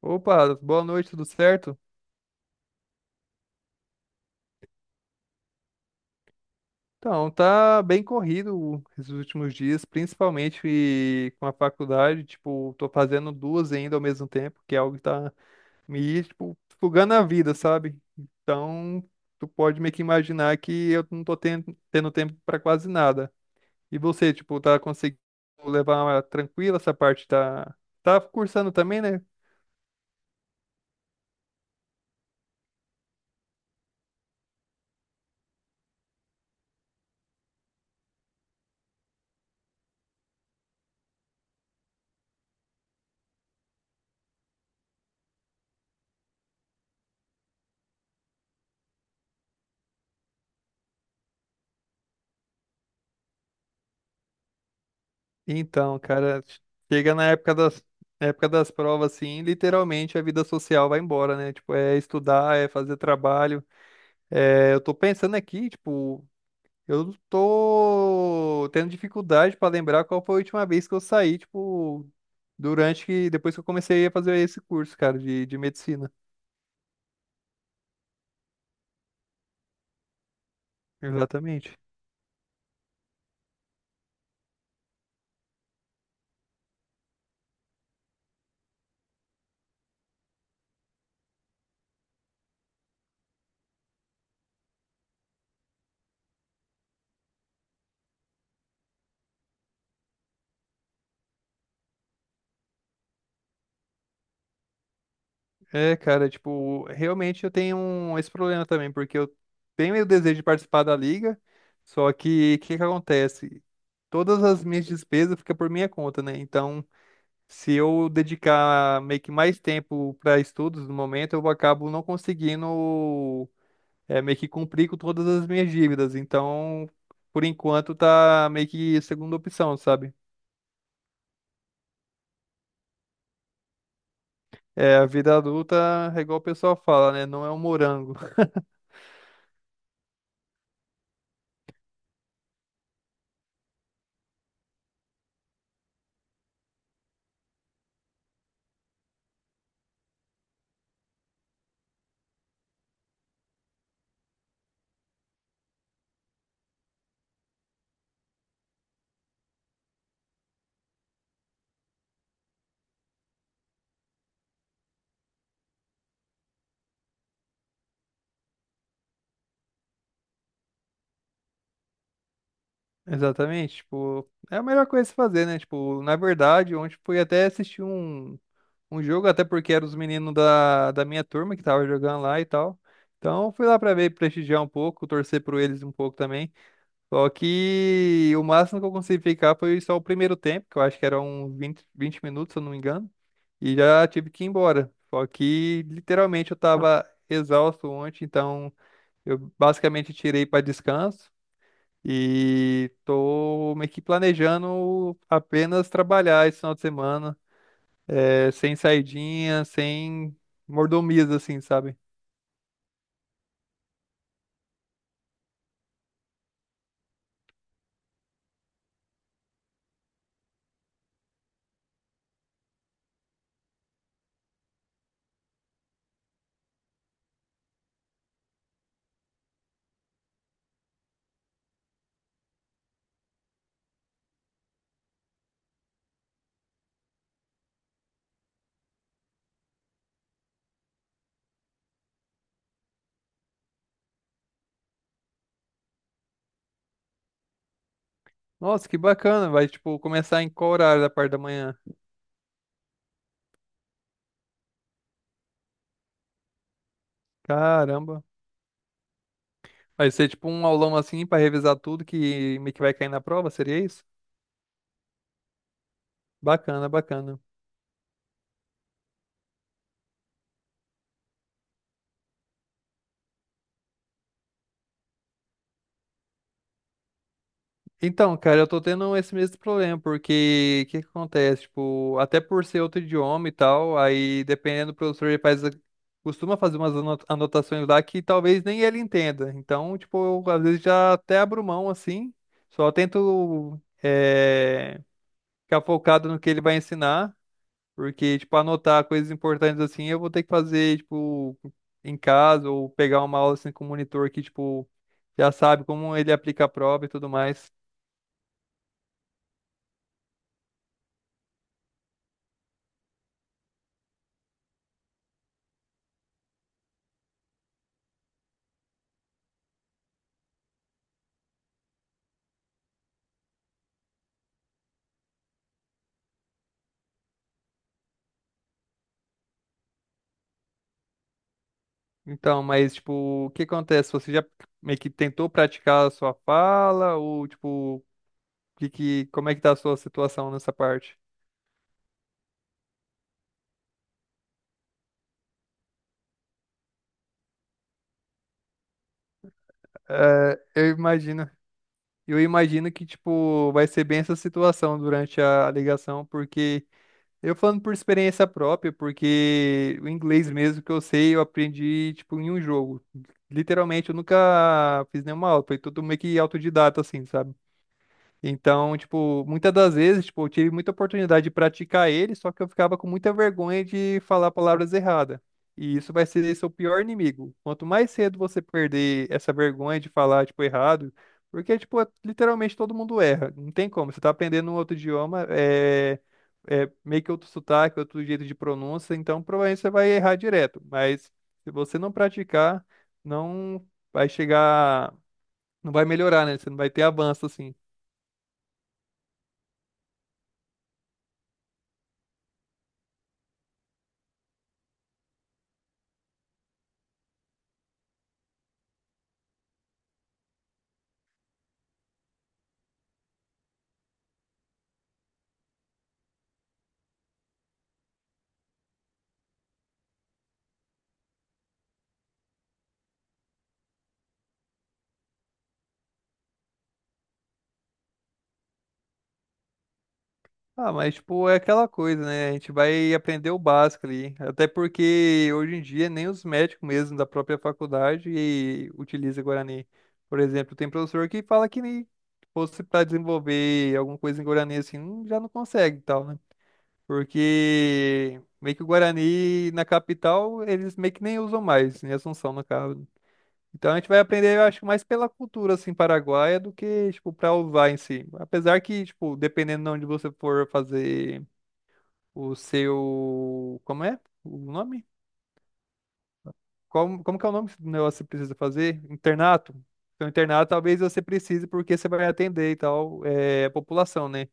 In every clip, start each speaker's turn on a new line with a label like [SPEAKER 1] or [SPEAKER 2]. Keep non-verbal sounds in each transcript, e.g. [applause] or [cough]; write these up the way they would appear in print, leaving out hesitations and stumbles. [SPEAKER 1] Opa, boa noite, tudo certo? Então, tá bem corrido esses últimos dias, principalmente com a faculdade, tipo, tô fazendo duas ainda ao mesmo tempo, que é algo que tá me, tipo, sugando a vida, sabe? Então, tu pode meio que imaginar que eu não tô tendo tempo pra quase nada. E você, tipo, tá conseguindo levar tranquila essa parte, tá cursando também, né? Então, cara, chega na época das provas, assim, literalmente a vida social vai embora, né? Tipo, é estudar, é fazer trabalho. É, eu tô pensando aqui, tipo, eu tô tendo dificuldade pra lembrar qual foi a última vez que eu saí, tipo, durante depois que eu comecei a fazer esse curso, cara, de medicina. Exatamente. É, cara, tipo, realmente eu tenho esse problema também, porque eu tenho o desejo de participar da liga, só que o que que acontece? Todas as minhas despesas ficam por minha conta, né? Então, se eu dedicar meio que mais tempo para estudos no momento, eu acabo não conseguindo meio que cumprir com todas as minhas dívidas. Então, por enquanto, tá meio que segunda opção, sabe? É, a vida adulta, é igual o pessoal fala, né? Não é um morango. Exatamente, tipo, é a melhor coisa a se fazer, né? Tipo, na verdade, ontem fui até assistir um jogo, até porque eram os meninos da minha turma que tava jogando lá e tal. Então, fui lá pra ver, prestigiar um pouco, torcer por eles um pouco também. Só que o máximo que eu consegui ficar foi só o primeiro tempo, que eu acho que era uns vinte minutos, se eu não me engano, e já tive que ir embora. Só que, literalmente, eu tava exausto ontem, então eu basicamente tirei pra descanso. E tô meio que planejando apenas trabalhar esse final de semana, sem saidinha, sem mordomias, assim, sabe? Nossa, que bacana! Vai, tipo, começar em qual horário da parte da manhã? Caramba! Vai ser tipo um aulão assim pra revisar tudo que meio que vai cair na prova, seria isso? Bacana, bacana. Então, cara, eu tô tendo esse mesmo problema, porque o que que acontece? Tipo, até por ser outro idioma e tal, aí dependendo do professor, ele faz, costuma fazer umas anotações lá que talvez nem ele entenda. Então, tipo, eu, às vezes já até abro mão assim, só tento ficar focado no que ele vai ensinar, porque, tipo, anotar coisas importantes assim, eu vou ter que fazer, tipo, em casa ou pegar uma aula assim com o monitor que, tipo, já sabe como ele aplica a prova e tudo mais. Então, mas tipo, o que acontece? Você já meio que tentou praticar a sua fala ou tipo, como é que tá a sua situação nessa parte? É, eu imagino que tipo vai ser bem essa situação durante a ligação, porque eu falando por experiência própria, porque o inglês mesmo que eu sei, eu aprendi tipo em um jogo. Literalmente, eu nunca fiz nenhuma aula, foi tudo meio que autodidata assim, sabe? Então, tipo, muitas das vezes, tipo, eu tive muita oportunidade de praticar ele, só que eu ficava com muita vergonha de falar palavras erradas. E isso vai ser seu pior inimigo. Quanto mais cedo você perder essa vergonha de falar, tipo, errado, porque, tipo, literalmente todo mundo erra. Não tem como. Você tá aprendendo um outro idioma, é meio que outro sotaque, outro jeito de pronúncia, então provavelmente você vai errar direto. Mas se você não praticar, não vai chegar, não vai melhorar, né? Você não vai ter avanço, assim. Ah, mas tipo, é aquela coisa, né? A gente vai aprender o básico ali. Até porque hoje em dia nem os médicos mesmo da própria faculdade utilizam Guarani. Por exemplo, tem professor que fala que nem fosse para desenvolver alguma coisa em Guarani assim, já não consegue e tal, né? Porque meio que o Guarani na capital, eles meio que nem usam mais, em Assunção, no caso. Então a gente vai aprender, eu acho, mais pela cultura, assim, paraguaia do que, tipo, pra usar em si. Apesar que, tipo, dependendo de onde você for fazer o seu. Como é o nome? Como que é o nome do negócio que você precisa fazer? Internato? Então, internato talvez você precise, porque você vai atender e tal, a população, né?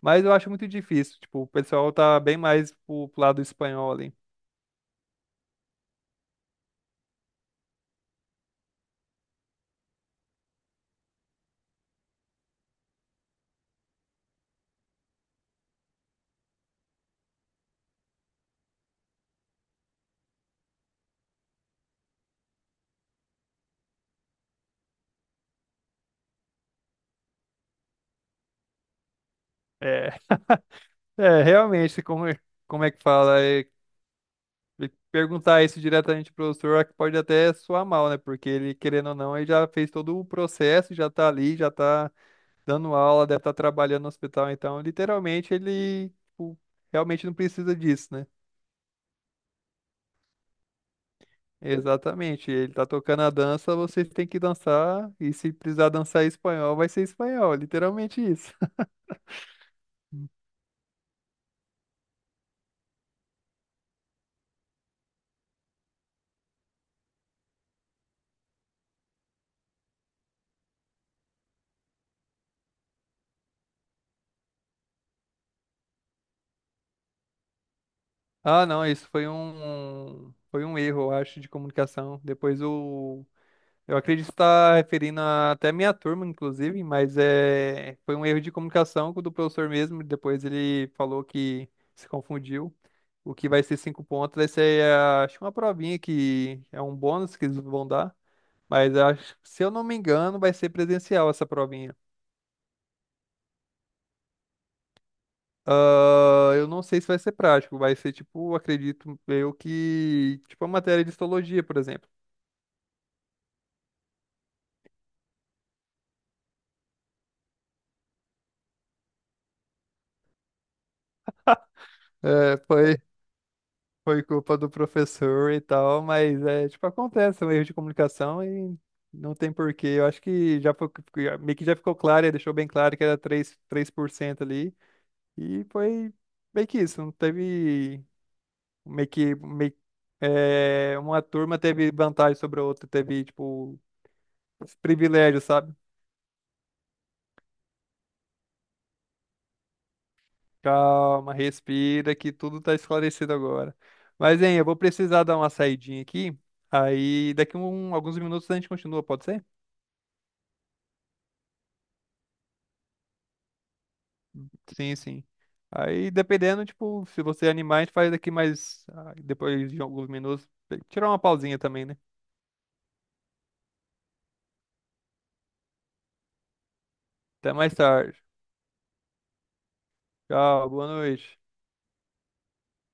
[SPEAKER 1] Mas eu acho muito difícil. Tipo, o pessoal tá bem mais pro lado espanhol ali. É, [laughs] é realmente, como, como é que fala? É, perguntar isso diretamente pro professor pode até soar mal, né? Porque ele, querendo ou não, ele já fez todo o processo, já tá ali, já tá dando aula, deve estar trabalhando no hospital, então literalmente ele tipo, realmente não precisa disso, né? Exatamente, ele tá tocando a dança, você tem que dançar, e se precisar dançar em espanhol, vai ser em espanhol, literalmente isso. [laughs] Ah, não, isso foi um erro, eu acho, de comunicação. Depois o Eu acredito estar referindo até a minha turma, inclusive, mas foi um erro de comunicação com o do professor mesmo. Depois ele falou que se confundiu. O que vai ser 5 pontos vai ser, acho que uma provinha que é um bônus que eles vão dar. Mas acho, se eu não me engano, vai ser presencial essa provinha. Ah, eu não sei se vai ser prático, vai ser tipo, acredito eu que, tipo a matéria de histologia, por exemplo. É, foi culpa do professor e tal, mas é, tipo, acontece, é um erro de comunicação e não tem porquê. Eu acho que já foi, meio que já ficou claro, ele deixou bem claro que era três por cento ali, e foi meio que isso, não teve meio que meio, é, uma turma teve vantagem sobre a outra, teve, tipo, esse privilégio, sabe? Calma, respira, que tudo tá esclarecido agora. Mas, hein, eu vou precisar dar uma saidinha aqui, aí daqui alguns minutos a gente continua, pode ser? Sim, sim. Aí, dependendo, tipo, se você animar, a gente faz daqui mais depois de alguns minutos. Tirar uma pausinha também, né? Até mais tarde. Tchau, boa noite.